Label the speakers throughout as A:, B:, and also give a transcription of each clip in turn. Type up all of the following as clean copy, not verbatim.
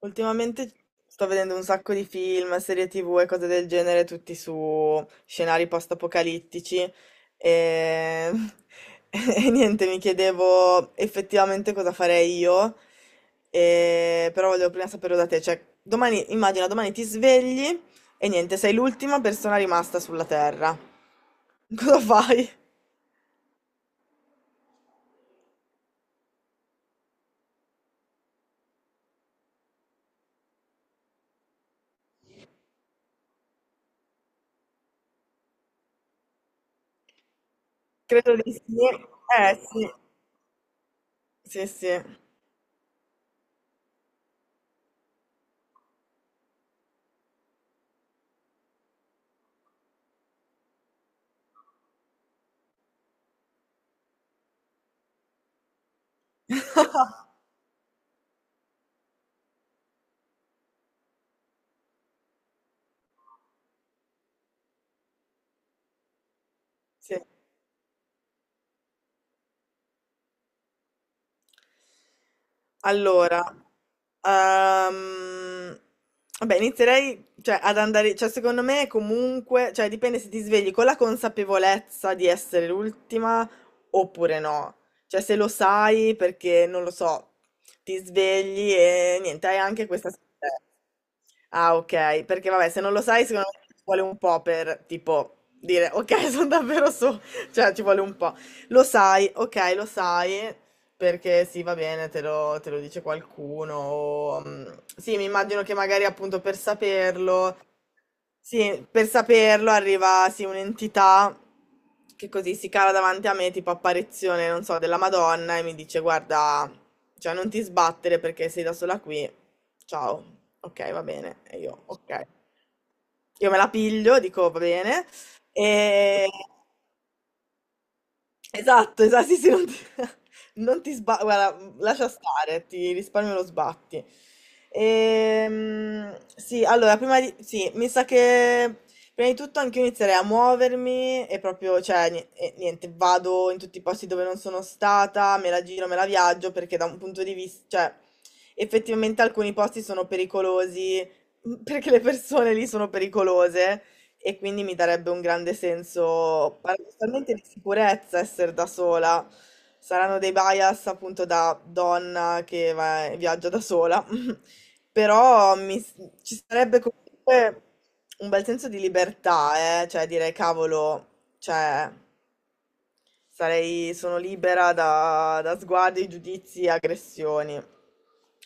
A: Ultimamente sto vedendo un sacco di film, serie TV e cose del genere, tutti su scenari post-apocalittici e... e niente, mi chiedevo effettivamente cosa farei io, e... però volevo prima sapere da te, cioè domani, immagina domani ti svegli e niente, sei l'ultima persona rimasta sulla Terra. Cosa fai? Credo di sì. Eh sì, sì sì. Sì. Allora, ehm, vabbè, inizierei, cioè, ad andare, cioè, secondo me comunque, cioè, dipende se ti svegli con la consapevolezza di essere l'ultima oppure no. Cioè, se lo sai perché, non lo so, ti svegli e niente, hai anche questa... Ah, ok, perché vabbè, se non lo sai, secondo me ci vuole un po' per tipo dire ok, sono davvero su, cioè ci vuole un po'. Lo sai, ok, lo sai, perché sì, va bene, te lo dice qualcuno. O, sì, mi immagino che magari appunto per saperlo sì, per saperlo arriva sì, un'entità che così si cala davanti a me, tipo apparizione, non so, della Madonna e mi dice guarda, cioè non ti sbattere perché sei da sola qui. Ciao. Ok, va bene. E io, ok. Io me la piglio, dico va bene. E esatto, esa sì, sì, non ti, non ti sba- guarda, lascia stare, ti risparmio lo sbatti. Sì, allora, prima di, sì, mi sa che prima di tutto anche io inizierei a muovermi e proprio, cioè, ni- e niente, vado in tutti i posti dove non sono stata, me la giro, me la viaggio, perché da un punto di vista, cioè, effettivamente alcuni posti sono pericolosi, perché le persone lì sono pericolose e quindi mi darebbe un grande senso paradossalmente di sicurezza essere da sola. Saranno dei bias appunto da donna che va- viaggia da sola, però mi- ci sarebbe comunque un bel senso di libertà, eh? Cioè dire cavolo, cioè... Sarei, sono libera da, da sguardi, giudizi e aggressioni.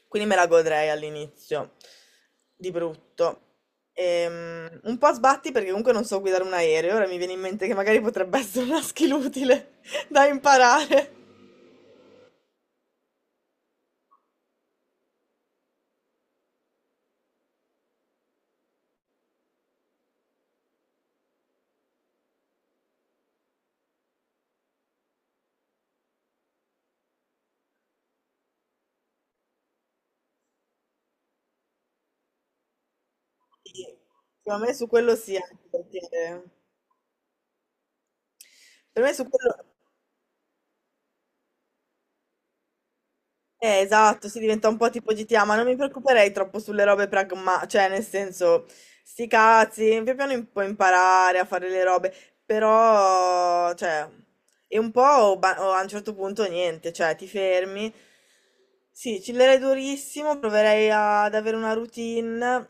A: Quindi me la godrei all'inizio, di brutto. Un po' a sbatti perché comunque non so guidare un aereo, ora mi viene in mente che magari potrebbe essere una skill utile da imparare. Sì, secondo me su quello sì, anche perché per me su quello... esatto, si diventa un po' tipo GTA, ma non mi preoccuperei troppo sulle robe pragma, cioè nel senso, sti cazzi, pian piano im- puoi imparare a fare le robe, però, cioè, è un po' o ba- o a un certo punto niente, cioè ti fermi, sì, chillerei durissimo, proverei ad avere una routine,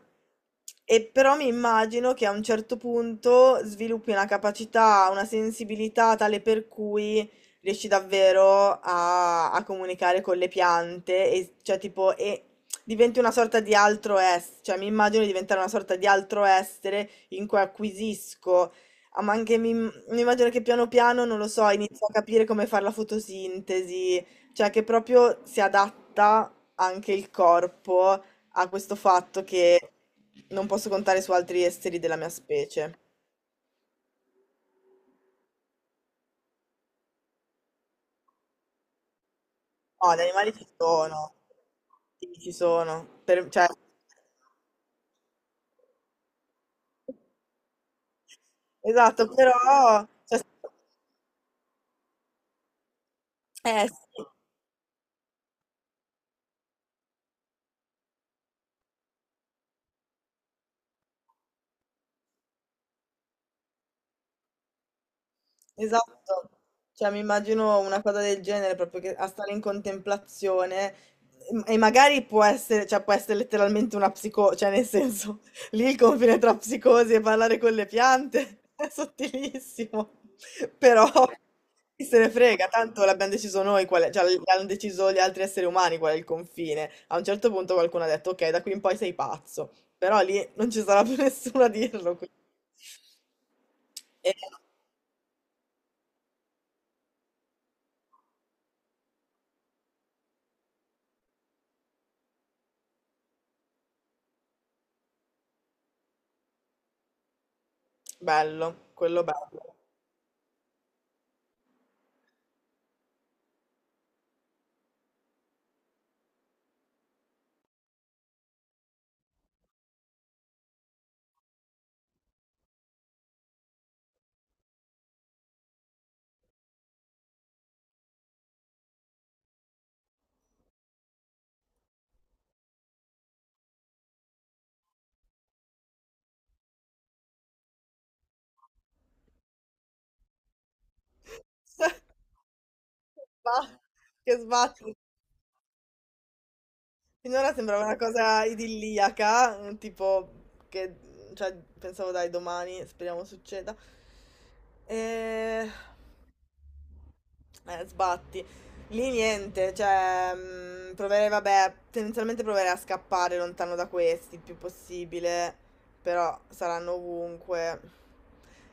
A: e però mi immagino che a un certo punto sviluppi una capacità, una sensibilità tale per cui riesci davvero a, a comunicare con le piante e cioè tipo e diventi una sorta di altro essere, cioè mi immagino di diventare una sorta di altro essere in cui acquisisco, ah, ma anche mi immagino che piano piano, non lo so, inizio a capire come fare la fotosintesi, cioè che proprio si adatta anche il corpo a questo fatto che non posso contare su altri esseri della mia specie. No, gli animali ci sono. Sì, ci sono. Per- cioè, esatto, però cioè, sì. Esatto, cioè mi immagino una cosa del genere, proprio che a stare in contemplazione e magari può essere, cioè può essere letteralmente una psico, cioè nel senso, lì il confine tra psicosi e parlare con le piante è sottilissimo, però chi se ne frega, tanto l'abbiamo deciso noi, qual è- cioè l'hanno deciso gli altri esseri umani qual è il confine. A un certo punto qualcuno ha detto ok, da qui in poi sei pazzo, però lì non ci sarà più nessuno a dirlo. Quindi- e- bello, quello bello. Va, che sbatti. Finora sembrava una cosa idilliaca, tipo che, cioè, pensavo dai domani, speriamo succeda. Eh, Eh, sbatti. Lì niente, cioè, proverei, vabbè, tendenzialmente proverei a scappare lontano da questi il più possibile, però saranno ovunque.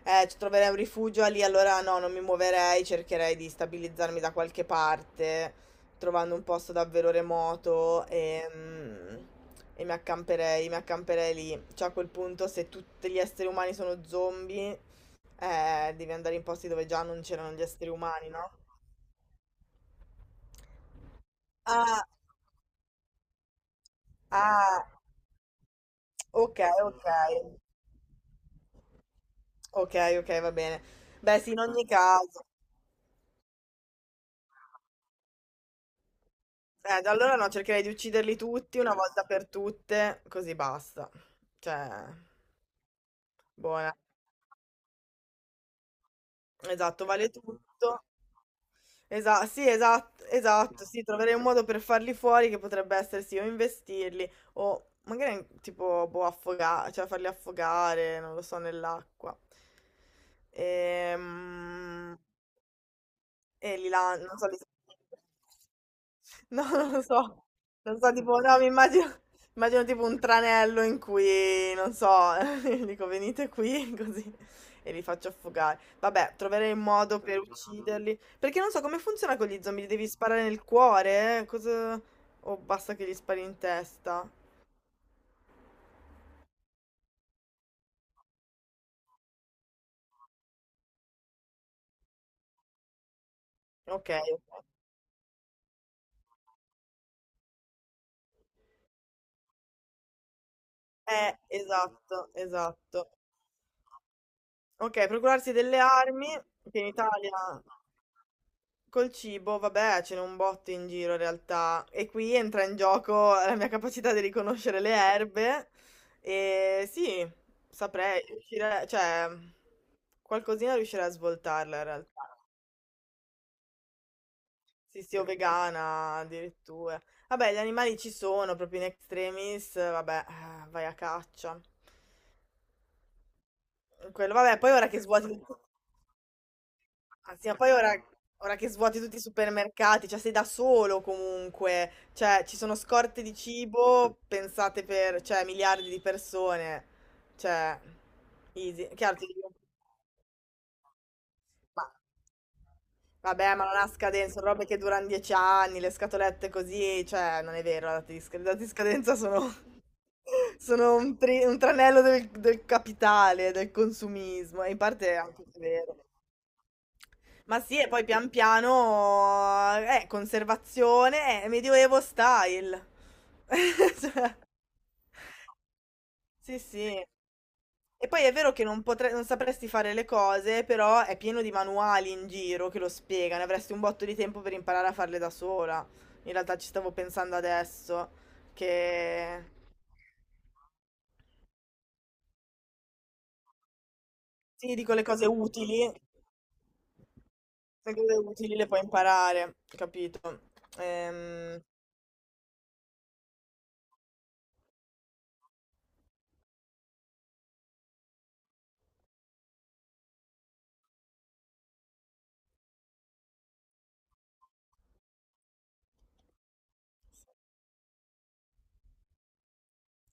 A: Ci troverei un rifugio lì, allora no, non mi muoverei, cercherei di stabilizzarmi da qualche parte, trovando un posto davvero remoto e mi accamperei lì. Cioè, a quel punto, se tutti gli esseri umani sono zombie, devi andare in posti dove già non c'erano gli esseri umani, no? Ah, ah, ok, ok, ok, ok, va bene. Beh, sì, in ogni caso. Da allora no, cercherei di ucciderli tutti una volta per tutte, così basta. Cioè, buona. Esatto, vale tutto. Esatto, sì, esatto, esatto, sì, troverei un modo per farli fuori che potrebbe essere sì, o investirli, o magari tipo, boh, affogare, cioè farli affogare, non lo so, nell'acqua. Ehm... e li lan- non so, li... No, non lo so, non so, tipo, no, mi immagino, immagino tipo un tranello in cui, non so, dico venite qui, così, e li faccio affogare. Vabbè, troverei un modo per ucciderli, perché non so come funziona con gli zombie, li devi sparare nel cuore, cosa... o basta che gli spari in testa? Ok, ok. Esatto, esatto. Ok, procurarsi delle armi, che in Italia... Col cibo, vabbè, ce n'è un botto in giro in realtà e qui entra in gioco la mia capacità di riconoscere le erbe e sì, saprei, riuscire- cioè qualcosina riuscirei a svoltarla in realtà. Sì, sì, o vegana addirittura. Vabbè, gli animali ci sono proprio in extremis, vabbè, vai a caccia. Quello, vabbè, poi ora che svuoti... Anzi, ma poi ora, ora che svuoti tutti i supermercati, cioè sei da solo comunque, cioè ci sono scorte di cibo pensate per, cioè, miliardi di persone, cioè, easy. Chiaro, ti... ma vabbè, ma non ha scadenza, sono robe che durano 10 anni, le scatolette così, cioè, non è vero, la data di, sc- le date di scadenza sono, sono un, tri- un tranello del, del capitale, del consumismo, e in parte è anche vero. Ma sì, e poi pian piano, conservazione, medioevo style. Cioè. Sì, sì. E poi è vero che non potre- non sapresti fare le cose, però è pieno di manuali in giro che lo spiegano, avresti un botto di tempo per imparare a farle da sola. In realtà ci stavo pensando adesso, che sì, dico le cose utili, le cose utili le puoi imparare, capito? Ehm,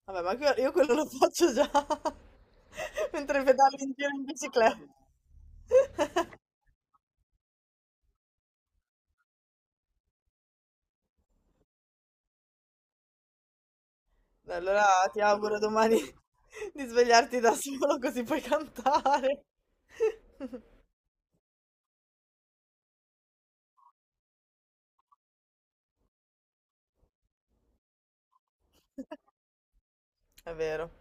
A: Vabbè, ma que- io quello lo faccio già mentre pedali in giro in bicicletta. Beh, allora ti auguro domani di svegliarti da solo così puoi cantare. È vero.